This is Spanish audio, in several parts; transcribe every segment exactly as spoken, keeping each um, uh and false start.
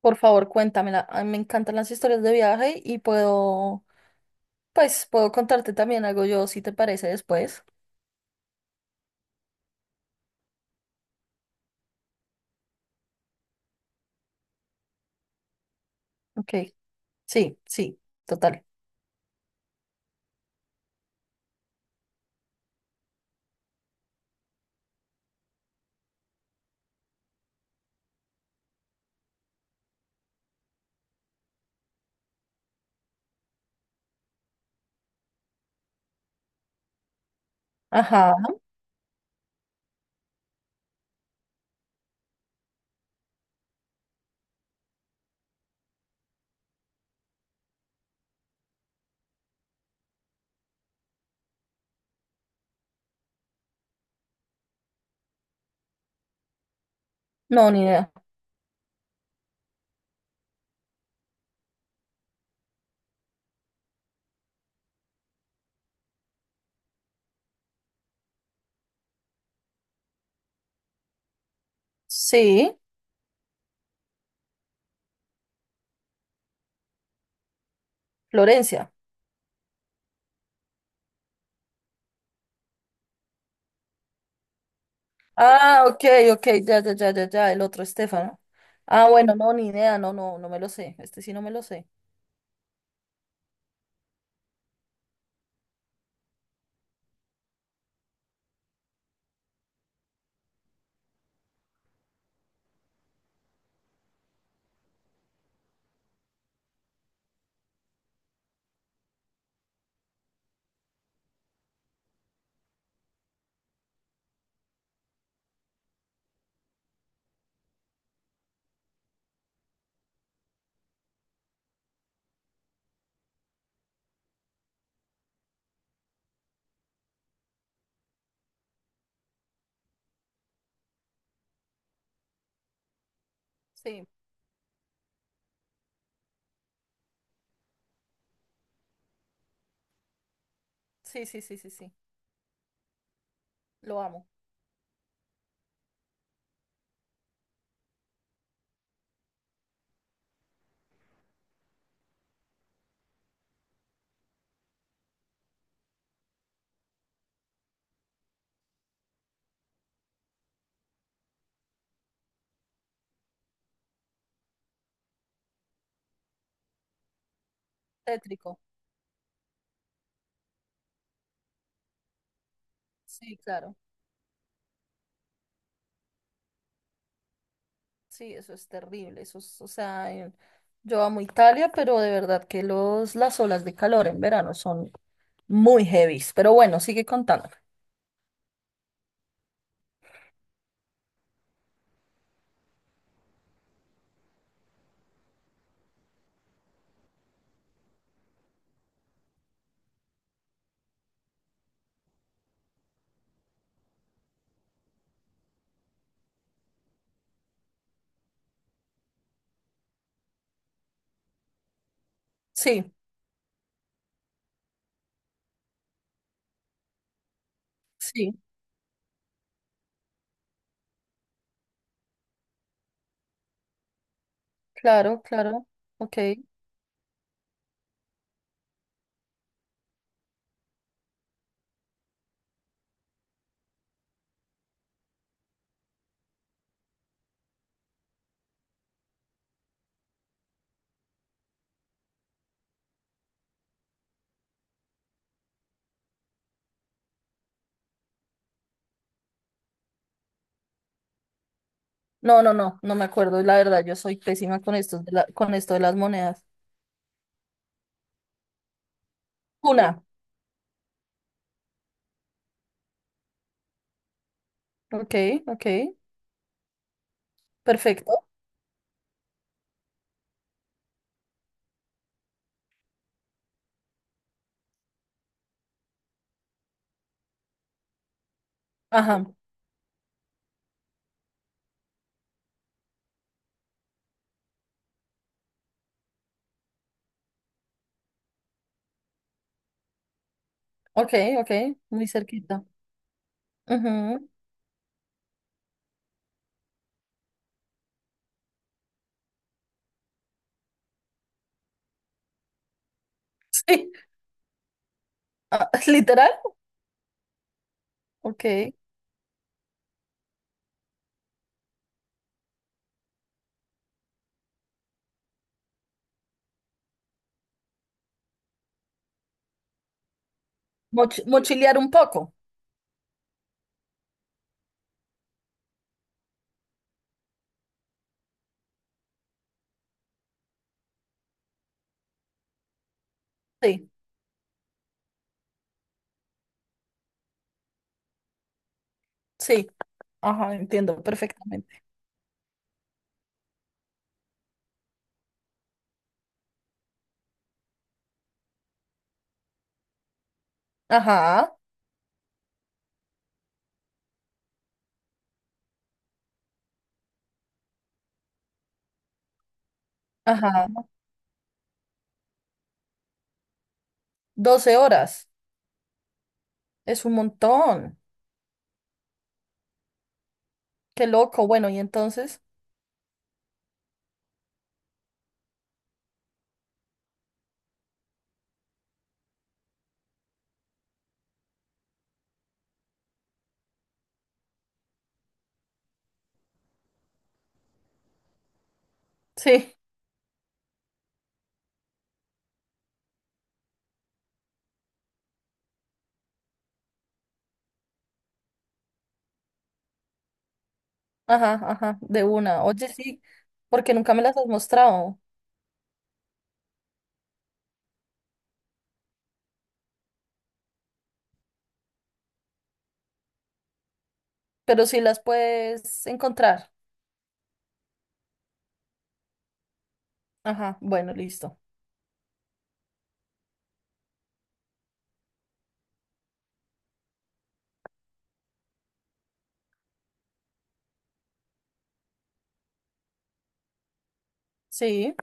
Por favor, cuéntamela. A mí me encantan las historias de viaje y puedo, pues, puedo contarte también algo yo, si te parece, después. Ok. Sí, sí, total. Ajá. No, ni idea. Sí, Florencia. Ah, ok, ok, ya, ya, ya, ya, ya, el otro Estefano. Ah, bueno, no, ni idea, no, no, no me lo sé. Este sí no me lo sé. Sí, sí, sí, sí, sí, sí. Lo amo. Tétrico. Sí, claro. Sí, eso es terrible. Eso es, o sea, en- Yo amo Italia, pero de verdad que los, las olas de calor en verano son muy heavies. Pero bueno, sigue contando. Sí, sí, claro, claro. Ok. No, no, no, no me acuerdo. La verdad, yo soy pésima con esto de la- con esto de las monedas. Una. Ok, ok. Perfecto. Ajá. Ok, ok. Muy cerquita. Ujú. Sí, ah, literal. Ok. Moch- mochilear un poco. Sí, sí. Ajá, entiendo perfectamente. Ajá, ajá, doce horas. Es un montón. Qué loco. Bueno, y entonces, sí, ajá, ajá, de una. Oye, sí, porque nunca me las has mostrado, pero sí las puedes encontrar. Ajá, bueno, listo. Sí,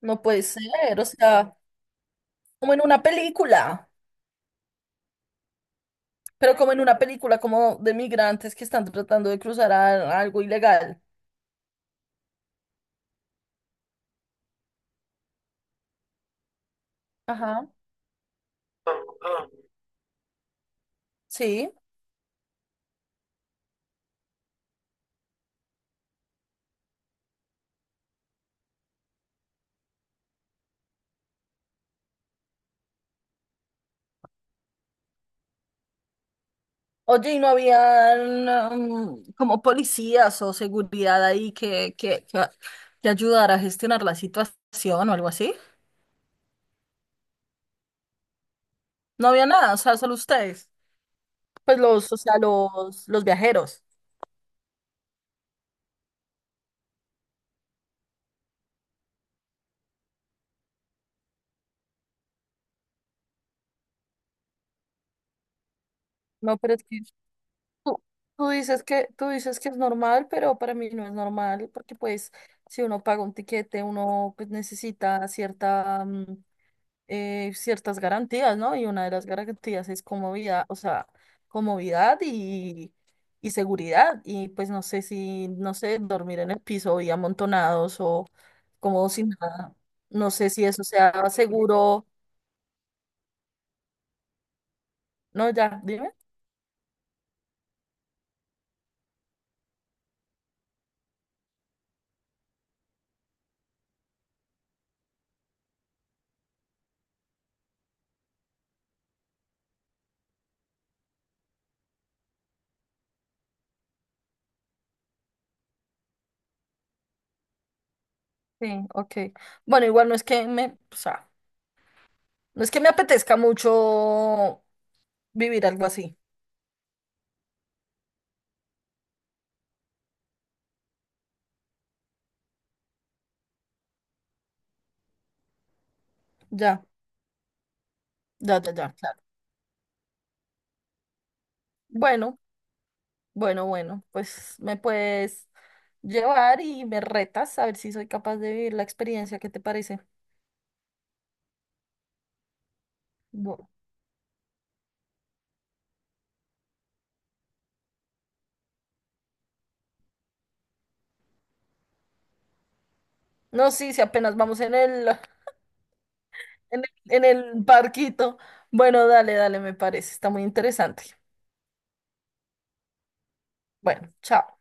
no puede ser. O sea, como en una película, pero como en una película como de migrantes que están tratando de cruzar a- algo ilegal. Ajá, sí. Oye, ¿y no habían mm, como policías o seguridad ahí que, que, que, que ayudara a gestionar la situación o algo así? No había nada, o sea, solo ustedes. Pues los, o sea, los, los viajeros. No, pero es que tú, tú dices que, tú dices que es normal, pero para mí no es normal, porque pues si uno paga un tiquete, uno pues necesita cierta, eh, ciertas garantías, ¿no? Y una de las garantías es comodidad, o sea, comodidad y, y seguridad. Y pues no sé si, no sé, dormir en el piso y amontonados o como sin nada. No sé si eso sea seguro. No, ya, dime. Sí, ok. Bueno, igual no es que me, o sea, no es que me apetezca mucho vivir algo así. Ya, ya, ya, ya, claro. Bueno. Bueno, bueno, pues me puedes llevar y me retas a ver si soy capaz de vivir la experiencia. ¿Qué te parece? No, no, sí, si apenas vamos en el, en el, en el barquito. Bueno, dale, dale, me parece. Está muy interesante. Bueno, chao.